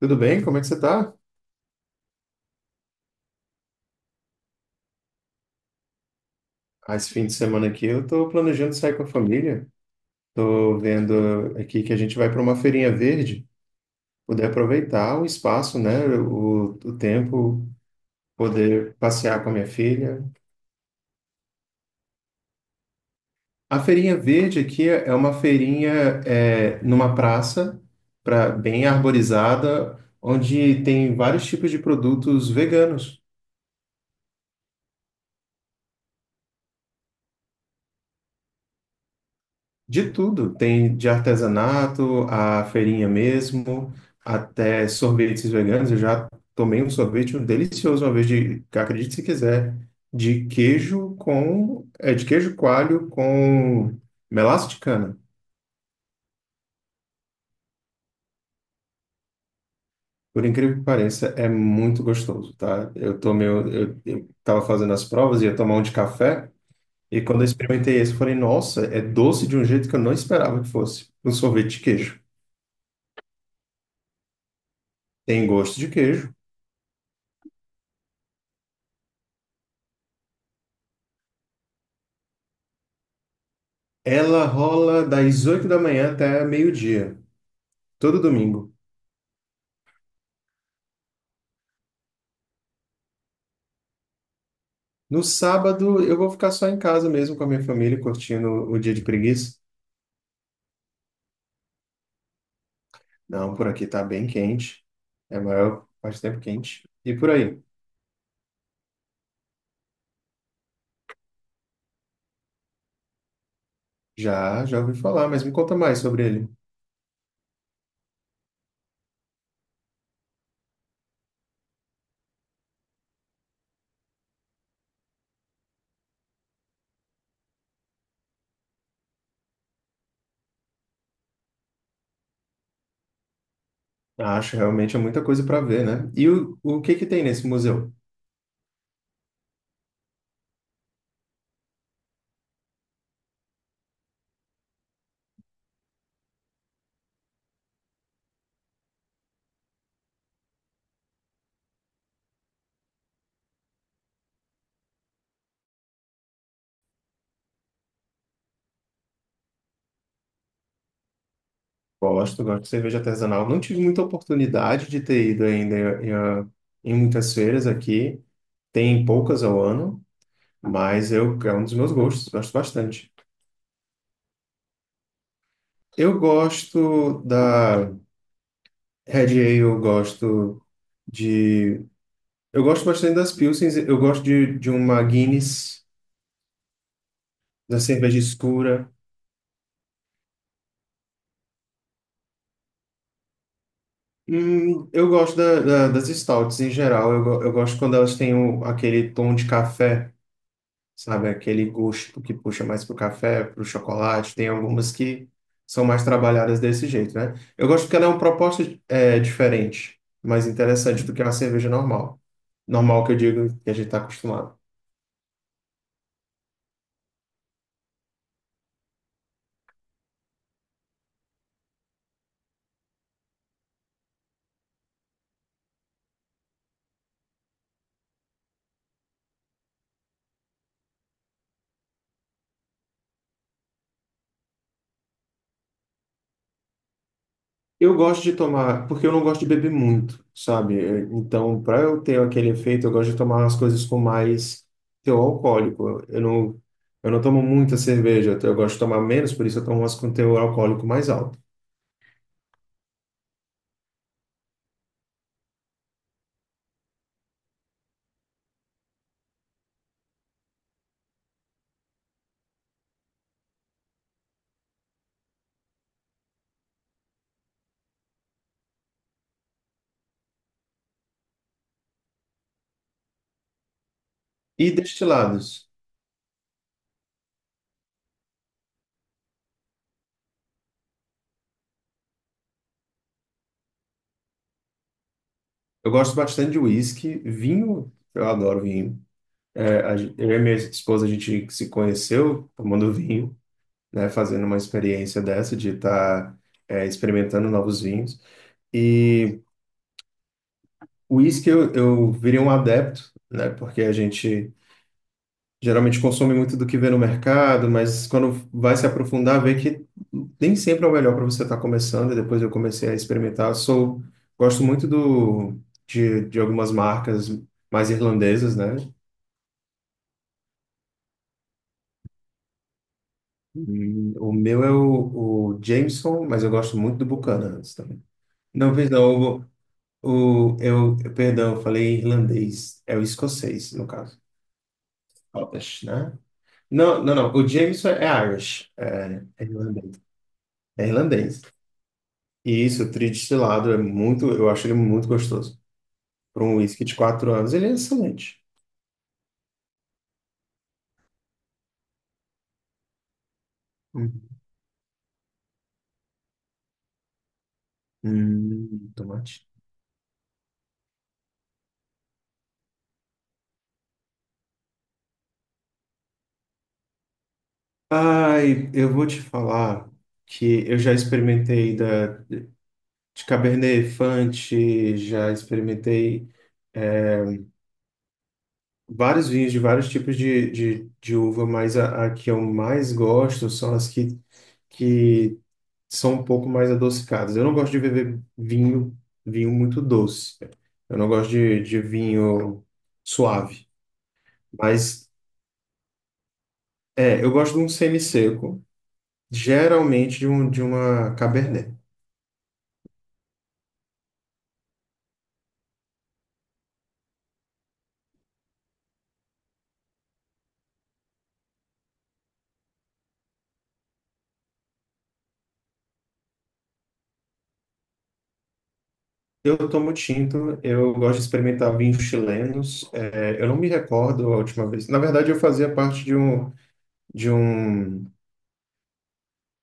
Tudo bem? Como é que você tá? Ah, esse fim de semana aqui eu tô planejando sair com a família. Tô vendo aqui que a gente vai para uma feirinha verde, poder aproveitar o espaço, né? O tempo, poder passear com a minha filha. A feirinha verde aqui é uma feirinha numa praça, bem arborizada, onde tem vários tipos de produtos veganos. De tudo, tem de artesanato, a feirinha mesmo, até sorvetes veganos. Eu já tomei um sorvete um delicioso uma vez de, acredite se quiser, de queijo com, é de queijo coalho com melaço de cana. Por incrível que pareça, é muito gostoso, tá? Eu tomei, eu tava fazendo as provas, ia tomar um de café, e quando eu experimentei esse, eu falei, nossa, é doce de um jeito que eu não esperava que fosse. Um sorvete de queijo. Tem gosto de queijo. Ela rola das 8 da manhã até meio-dia, todo domingo. No sábado, eu vou ficar só em casa mesmo com a minha família, curtindo o dia de preguiça. Não, por aqui tá bem quente. É a maior parte do tempo quente. E por aí? Já, já ouvi falar, mas me conta mais sobre ele. Acho realmente é muita coisa para ver, né? E o que que tem nesse museu? Gosto, gosto de cerveja artesanal. Não tive muita oportunidade de ter ido ainda em muitas feiras aqui. Tem poucas ao ano. Mas eu, é um dos meus gostos, gosto bastante. Eu gosto da Red Ale, eu gosto de. Eu gosto bastante das Pilsens, eu gosto de uma Guinness, da cerveja escura. Eu gosto das stouts em geral, eu, eu gosto quando elas têm aquele tom de café. Sabe? Aquele gosto que puxa mais pro café, pro chocolate. Tem algumas que são mais trabalhadas desse jeito, né? Eu gosto porque ela é uma proposta é, diferente, mais interessante do que uma cerveja normal. Normal que eu digo que a gente está acostumado. Eu gosto de tomar, porque eu não gosto de beber muito, sabe? Então, para eu ter aquele efeito, eu gosto de tomar as coisas com mais teor alcoólico. Eu não tomo muita cerveja, eu gosto de tomar menos, por isso eu tomo umas com teor alcoólico mais alto. E destilados? Eu gosto bastante de uísque, vinho, eu adoro vinho. É, eu e minha esposa, a gente se conheceu tomando vinho, né, fazendo uma experiência dessa de estar experimentando novos vinhos. E uísque eu virei um adepto, né, porque a gente geralmente consome muito do que vê no mercado, mas quando vai se aprofundar, vê que nem sempre é o melhor para você estar começando. E depois eu comecei a experimentar. Sou, gosto muito de algumas marcas mais irlandesas, né? O meu é o Jameson, mas eu gosto muito do Buchanan's também. Não, pois não, perdão, eu falei irlandês, é o escocês, no caso. Scottish, né? Não, não, não, o Jameson é Irish, é irlandês. É irlandês. E isso, o tridestilado, é muito, eu acho ele muito gostoso. Para um whisky de 4 anos, ele é excelente. Hum, tomate. Ai, eu vou te falar que eu já experimentei da de Cabernet Franc, já experimentei vários vinhos de vários tipos de uva, mas a que eu mais gosto são as que são um pouco mais adocicadas. Eu não gosto de beber vinho, vinho muito doce. Eu não gosto de vinho suave. Mas eu gosto de um semi-seco, geralmente de uma Cabernet. Eu tomo tinto, eu gosto de experimentar vinhos chilenos. É, eu não me recordo a última vez. Na verdade, eu fazia parte de um,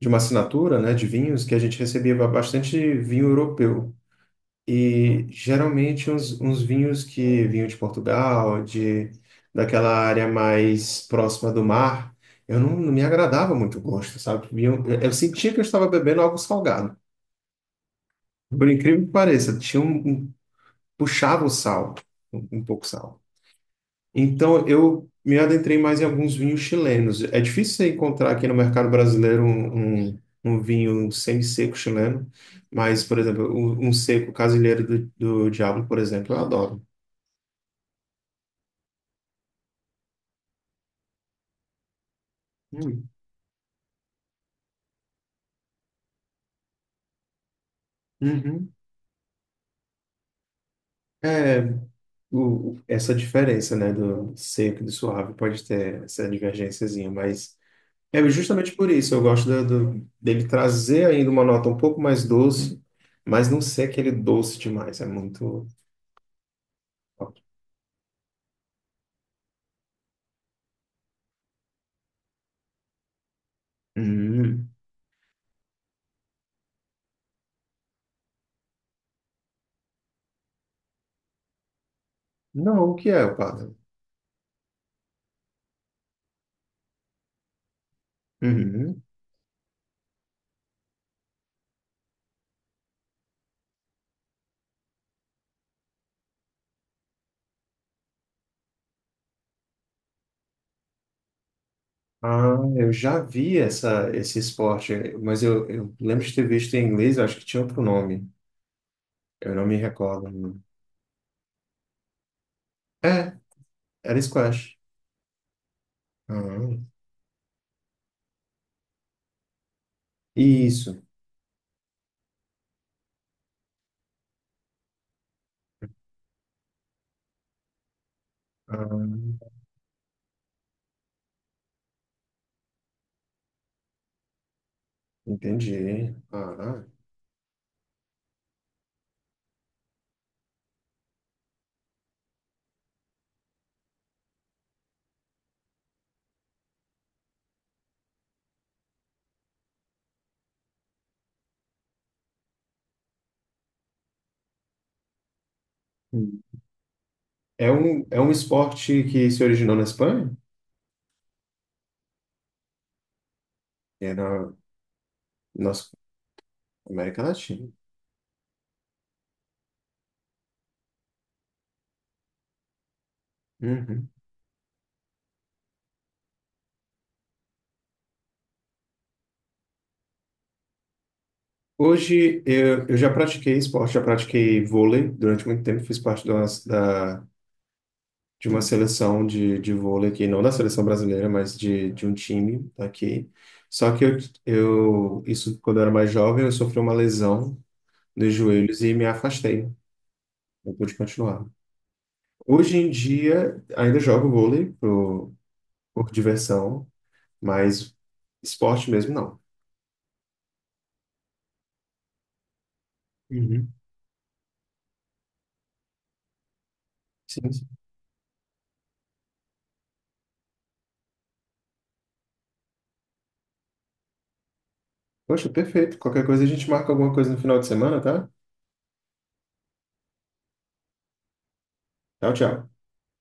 de uma assinatura, né, de vinhos que a gente recebia bastante vinho europeu. E geralmente uns vinhos que vinham de Portugal, de daquela área mais próxima do mar, eu não me agradava muito o gosto, sabe? Eu sentia que eu estava bebendo algo salgado. Por incrível que pareça, tinha um, puxava o sal, um pouco sal. Então, eu me adentrei mais em alguns vinhos chilenos. É difícil você encontrar aqui no mercado brasileiro um vinho semi-seco chileno, mas, por exemplo, um seco casilheiro do Diablo, por exemplo, eu adoro. Hum. Uhum. É, essa diferença, né, do seco e do suave pode ter essa divergênciazinha, mas é justamente por isso eu gosto dele trazer ainda uma nota um pouco mais doce, mas não ser aquele doce demais, é muito. Hum. Não, o que é o pádel? Uhum. Ah, eu já vi essa, esse esporte, mas eu lembro de ter visto em inglês, eu acho que tinha outro nome. Eu não me recordo. É, era squash. Ah, isso. Ah, entendi. Ah. Hum. É um esporte que se originou na Espanha? É na nossa América Latina. Uhum. Hoje eu já pratiquei esporte, já pratiquei vôlei durante muito tempo, fiz parte da, de uma seleção de vôlei aqui, não da seleção brasileira, mas de um time aqui. Só que isso quando eu era mais jovem, eu sofri uma lesão dos joelhos e me afastei. Não pude continuar. Hoje em dia, ainda jogo vôlei por diversão, mas esporte mesmo não. Uhum. Sim, sim. Poxa, perfeito. Qualquer coisa a gente marca alguma coisa no final de semana, tá? Tchau, tchau.